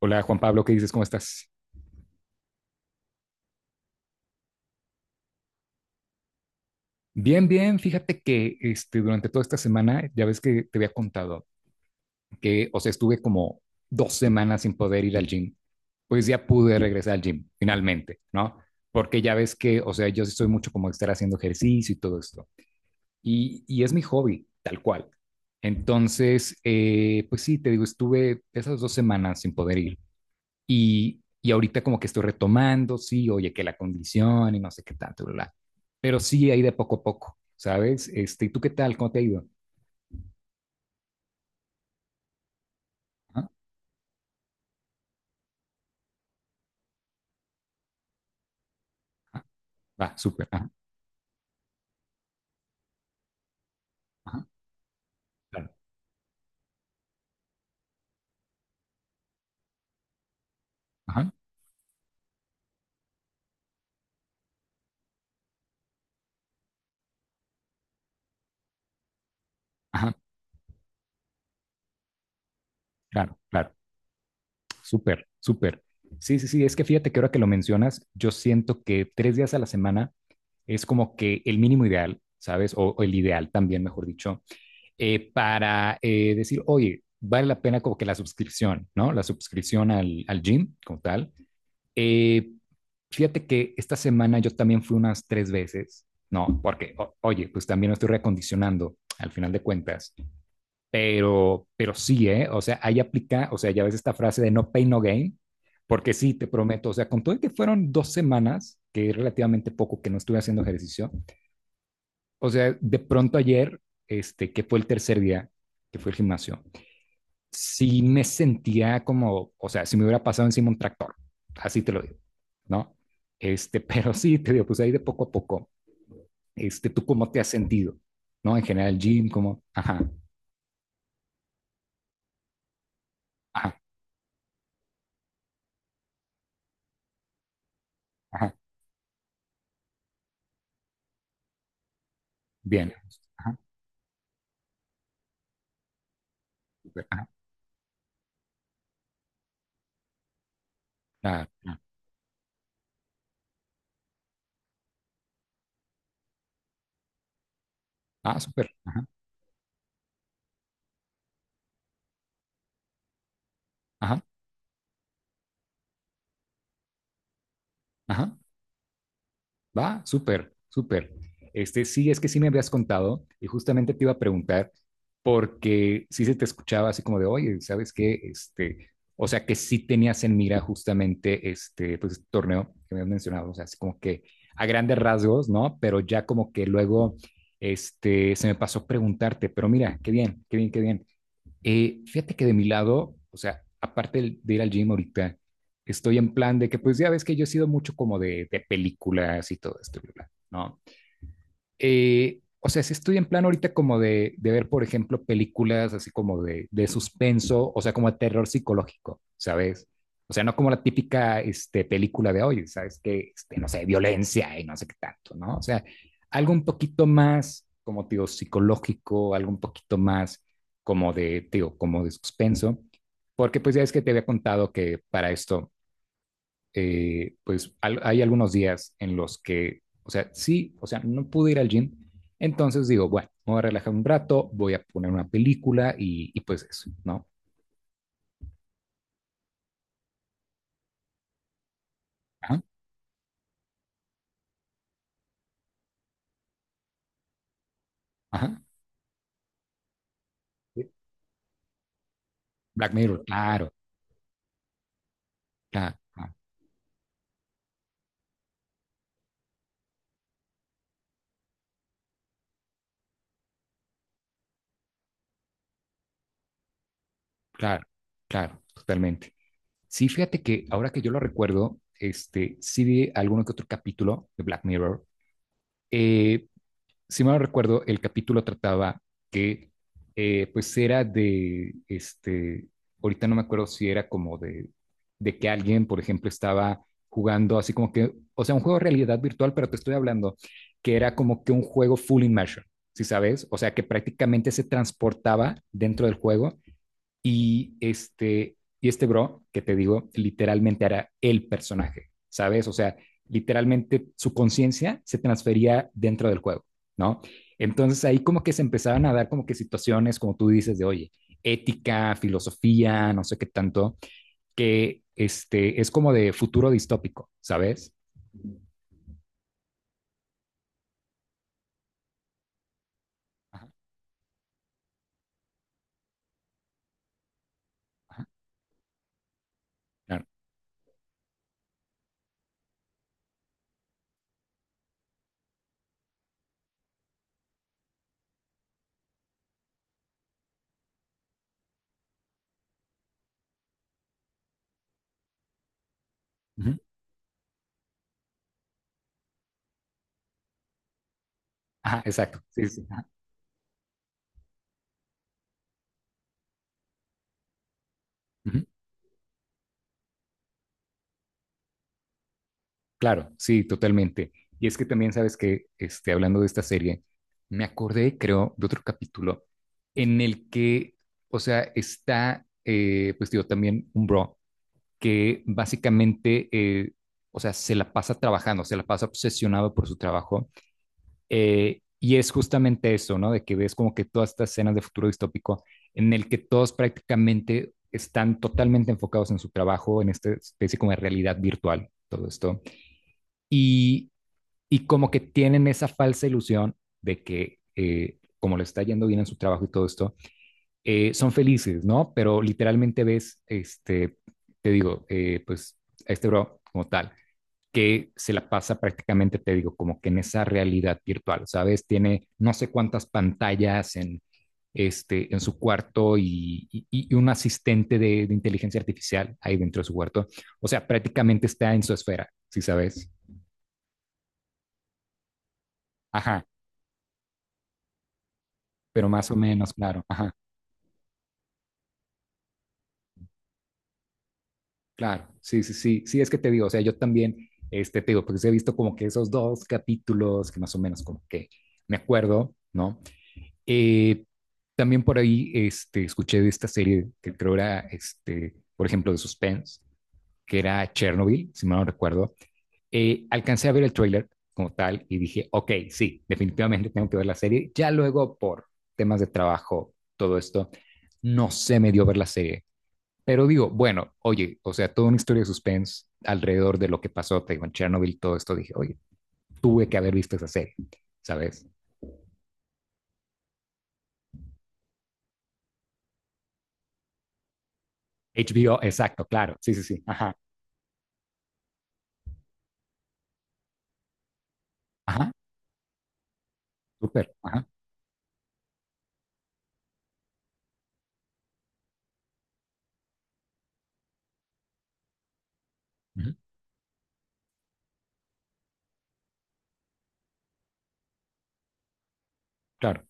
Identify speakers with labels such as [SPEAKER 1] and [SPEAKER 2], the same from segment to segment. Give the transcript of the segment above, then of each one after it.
[SPEAKER 1] Hola Juan Pablo, ¿qué dices? ¿Cómo estás? Bien, bien. Fíjate que durante toda esta semana, ya ves que te había contado que, o sea, estuve como dos semanas sin poder ir al gym. Pues ya pude regresar al gym, finalmente, ¿no? Porque ya ves que, o sea, yo sí soy mucho como de estar haciendo ejercicio y todo esto. Y es mi hobby, tal cual. Entonces, pues sí, te digo, estuve esas dos semanas sin poder ir. Y ahorita como que estoy retomando, sí, oye, que la condición y no sé qué tanto, bla, bla. Pero sí, ahí de poco a poco, ¿sabes? ¿Y tú qué tal? ¿Cómo te ha ido? Ajá, ajá, va, súper, ajá, ajá, claro, ajá, ajá, claro, claro, súper, súper. Sí, sí, sí, es que fíjate que ahora que lo mencionas, yo siento que tres días a la semana es como que el mínimo ideal, ¿sabes? O el ideal también, mejor dicho, para decir, oye, vale la pena como que la suscripción, ¿no? La suscripción al gym como tal. Eh, fíjate que esta semana yo también fui unas tres veces, ¿no? Porque, oye, pues también me estoy reacondicionando al final de cuentas, pero sí, ¿eh? O sea, ahí aplica, o sea, ya ves esta frase de no pain, no gain, porque sí, te prometo, o sea, con todo y que fueron dos semanas, que es relativamente poco que no estuve haciendo ejercicio, o sea, de pronto ayer, que fue el tercer día, que fue el gimnasio, sí me sentía como, o sea, si me hubiera pasado encima un tractor, así te lo digo, ¿no? Este, Pero sí, te digo, pues ahí de poco a poco. ¿Tú cómo te has sentido? ¿No? En general, Jim, como, ajá, ajá, ajá, bien, ajá, súper, ajá, ah, ah, ah, súper, ajá, ajá, ajá. Va, súper, súper. Sí, es que sí me habías contado y justamente te iba a preguntar porque sí se te escuchaba así como de, oye, ¿sabes qué? O sea, que sí tenías en mira justamente pues, este torneo que me has mencionado, o sea, así como que a grandes rasgos, ¿no? Pero ya como que luego, se me pasó preguntarte, pero mira, qué bien, qué bien, qué bien. Fíjate que de mi lado, o sea, aparte de ir al gym ahorita, estoy en plan de que, pues ya ves que yo he sido mucho como de películas y todo esto, bla, bla, ¿no? O sea, si estoy en plan ahorita como de ver, por ejemplo, películas así como de suspenso, o sea, como de terror psicológico, ¿sabes? O sea, no como la típica película de hoy, ¿sabes? Que, no sé, violencia y no sé qué tanto, ¿no? O sea, algo un poquito más, como te digo, psicológico, algo un poquito más como de, te digo, como de suspenso, porque pues ya es que te había contado que para esto pues hay algunos días en los que, o sea, sí, o sea, no pude ir al gym, entonces digo, bueno, me voy a relajar un rato, voy a poner una película y pues eso, ¿no? Ajá, ajá. Sí. Black Mirror, claro, claro, claro, claro, claro, totalmente. Sí, fíjate que ahora que yo lo recuerdo, sí vi alguno que otro capítulo de Black Mirror. eh, si mal no recuerdo, el capítulo trataba que, pues era de, ahorita no me acuerdo si era como de que alguien, por ejemplo, estaba jugando así como que, o sea, un juego de realidad virtual, pero te estoy hablando que era como que un juego full immersion, ¿si sabes? O sea, que prácticamente se transportaba dentro del juego y este bro, que te digo, literalmente era el personaje, ¿sabes? O sea, literalmente su conciencia se transfería dentro del juego, ¿no? Entonces ahí como que se empezaban a dar como que situaciones, como tú dices, de, oye, ética, filosofía, no sé qué tanto, que es como de futuro distópico, ¿sabes? Ajá, ajá, claro. Ujú. Ajá, exacto. Sí, sí, sí, ajá, ujú. Claro, sí, totalmente. Y es que también sabes que, hablando de esta serie, me acordé, creo, de otro capítulo en el que, o sea, está, pues digo, también un bro que básicamente, o sea, se la pasa trabajando, se la pasa obsesionado por su trabajo. Y es justamente eso, ¿no? De que ves como que todas estas escenas de futuro distópico en el que todos prácticamente están totalmente enfocados en su trabajo, en esta especie como de realidad virtual, todo esto. Y como que tienen esa falsa ilusión de que, como le está yendo bien en su trabajo y todo esto, son felices, ¿no? Pero literalmente ves, te digo, pues a este bro como tal, que se la pasa prácticamente, te digo, como que en esa realidad virtual, ¿sabes? Tiene no sé cuántas pantallas en, en su cuarto y un asistente de inteligencia artificial ahí dentro de su cuarto. O sea, prácticamente está en su esfera, ¿si sí sabes? Ajá. Pero más o menos, claro, ajá, claro, sí, sí, sí, sí, es que te digo, o sea, yo también, te digo, porque he visto como que esos dos capítulos que más o menos como que me acuerdo, ¿no? Eh, También por ahí, escuché de esta serie que creo era, por ejemplo, de suspense, que era Chernobyl, si mal no recuerdo, alcancé a ver el tráiler como tal y dije, ok, sí, definitivamente tengo que ver la serie, ya luego por temas de trabajo, todo esto, no se me dio ver la serie. Pero digo, bueno, oye, o sea, toda una historia de suspense alrededor de lo que pasó, te digo, en Chernobyl, todo esto, dije, oye, tuve que haber visto esa serie, ¿sabes? HBO, exacto, claro, sí, sí, sí, ajá, ajá, súper, ajá, ujú, claro,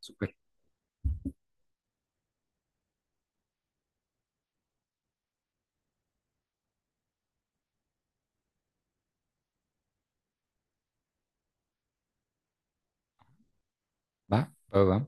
[SPEAKER 1] súper, va, va, va,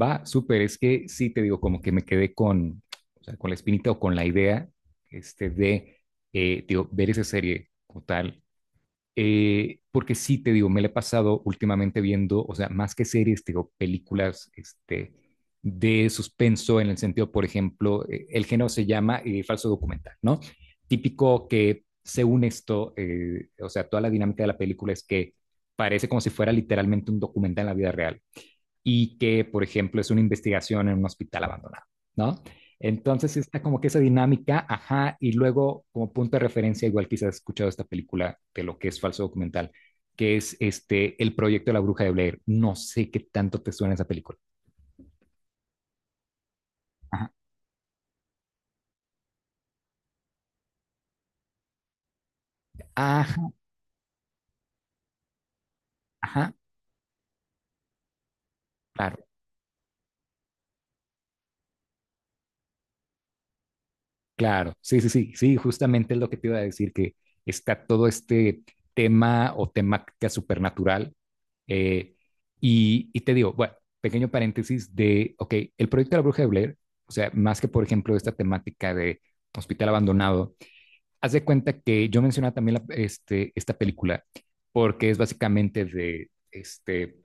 [SPEAKER 1] va, súper, es que sí te digo, como que me quedé con, o sea, con la espinita o con la idea, este, de, digo, ver esa serie como tal. Porque sí, te digo, me la he pasado últimamente viendo, o sea, más que series, te digo, películas de suspenso en el sentido, por ejemplo, el género se llama falso documental, ¿no? Típico que según esto, o sea, toda la dinámica de la película es que parece como si fuera literalmente un documental en la vida real y que, por ejemplo, es una investigación en un hospital abandonado, ¿no? Entonces está como que esa dinámica, ajá, y luego como punto de referencia, igual quizás has escuchado esta película de lo que es falso documental, que es el proyecto de la bruja de Blair. No sé qué tanto te suena esa película. Ajá, ajá, ajá, claro. Claro, sí, sí, sí, sí, justamente es lo que te iba a decir, que está todo este tema o temática supernatural. eh, Te digo, bueno, pequeño paréntesis de, ok, el proyecto de la Bruja de Blair, o sea, más que por ejemplo esta temática de hospital abandonado, haz de cuenta que yo mencionaba también esta película porque es básicamente de,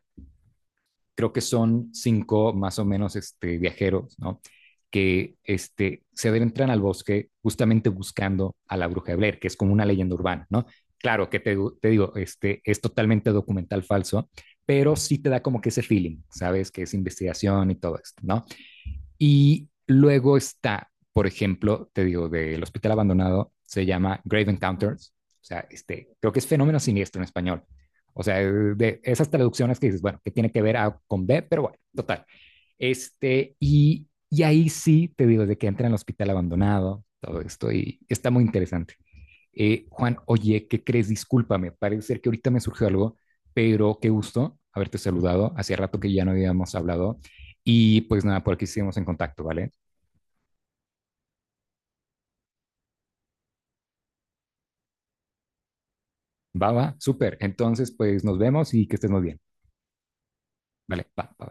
[SPEAKER 1] creo que son cinco más o menos viajeros, ¿no? Que se adentran al bosque justamente buscando a la bruja de Blair, que es como una leyenda urbana, ¿no? Claro que te digo, es totalmente documental falso, pero sí te da como que ese feeling, ¿sabes? Que es investigación y todo esto, ¿no? Y luego está, por ejemplo, te digo, del hospital abandonado, se llama Grave Encounters. O sea, creo que es fenómeno siniestro en español. O sea, de esas traducciones que dices, bueno, que tiene que ver a, con B, pero bueno, total. Ahí sí te digo de que entra en el hospital abandonado, todo esto, y está muy interesante. Juan, oye, ¿qué crees? Discúlpame, parece ser que ahorita me surgió algo, pero qué gusto haberte saludado. Hacía rato que ya no habíamos hablado. Y pues nada, por aquí seguimos en contacto, ¿vale? Va, va, súper. Entonces, pues nos vemos y que estés muy bien. Vale, va, va.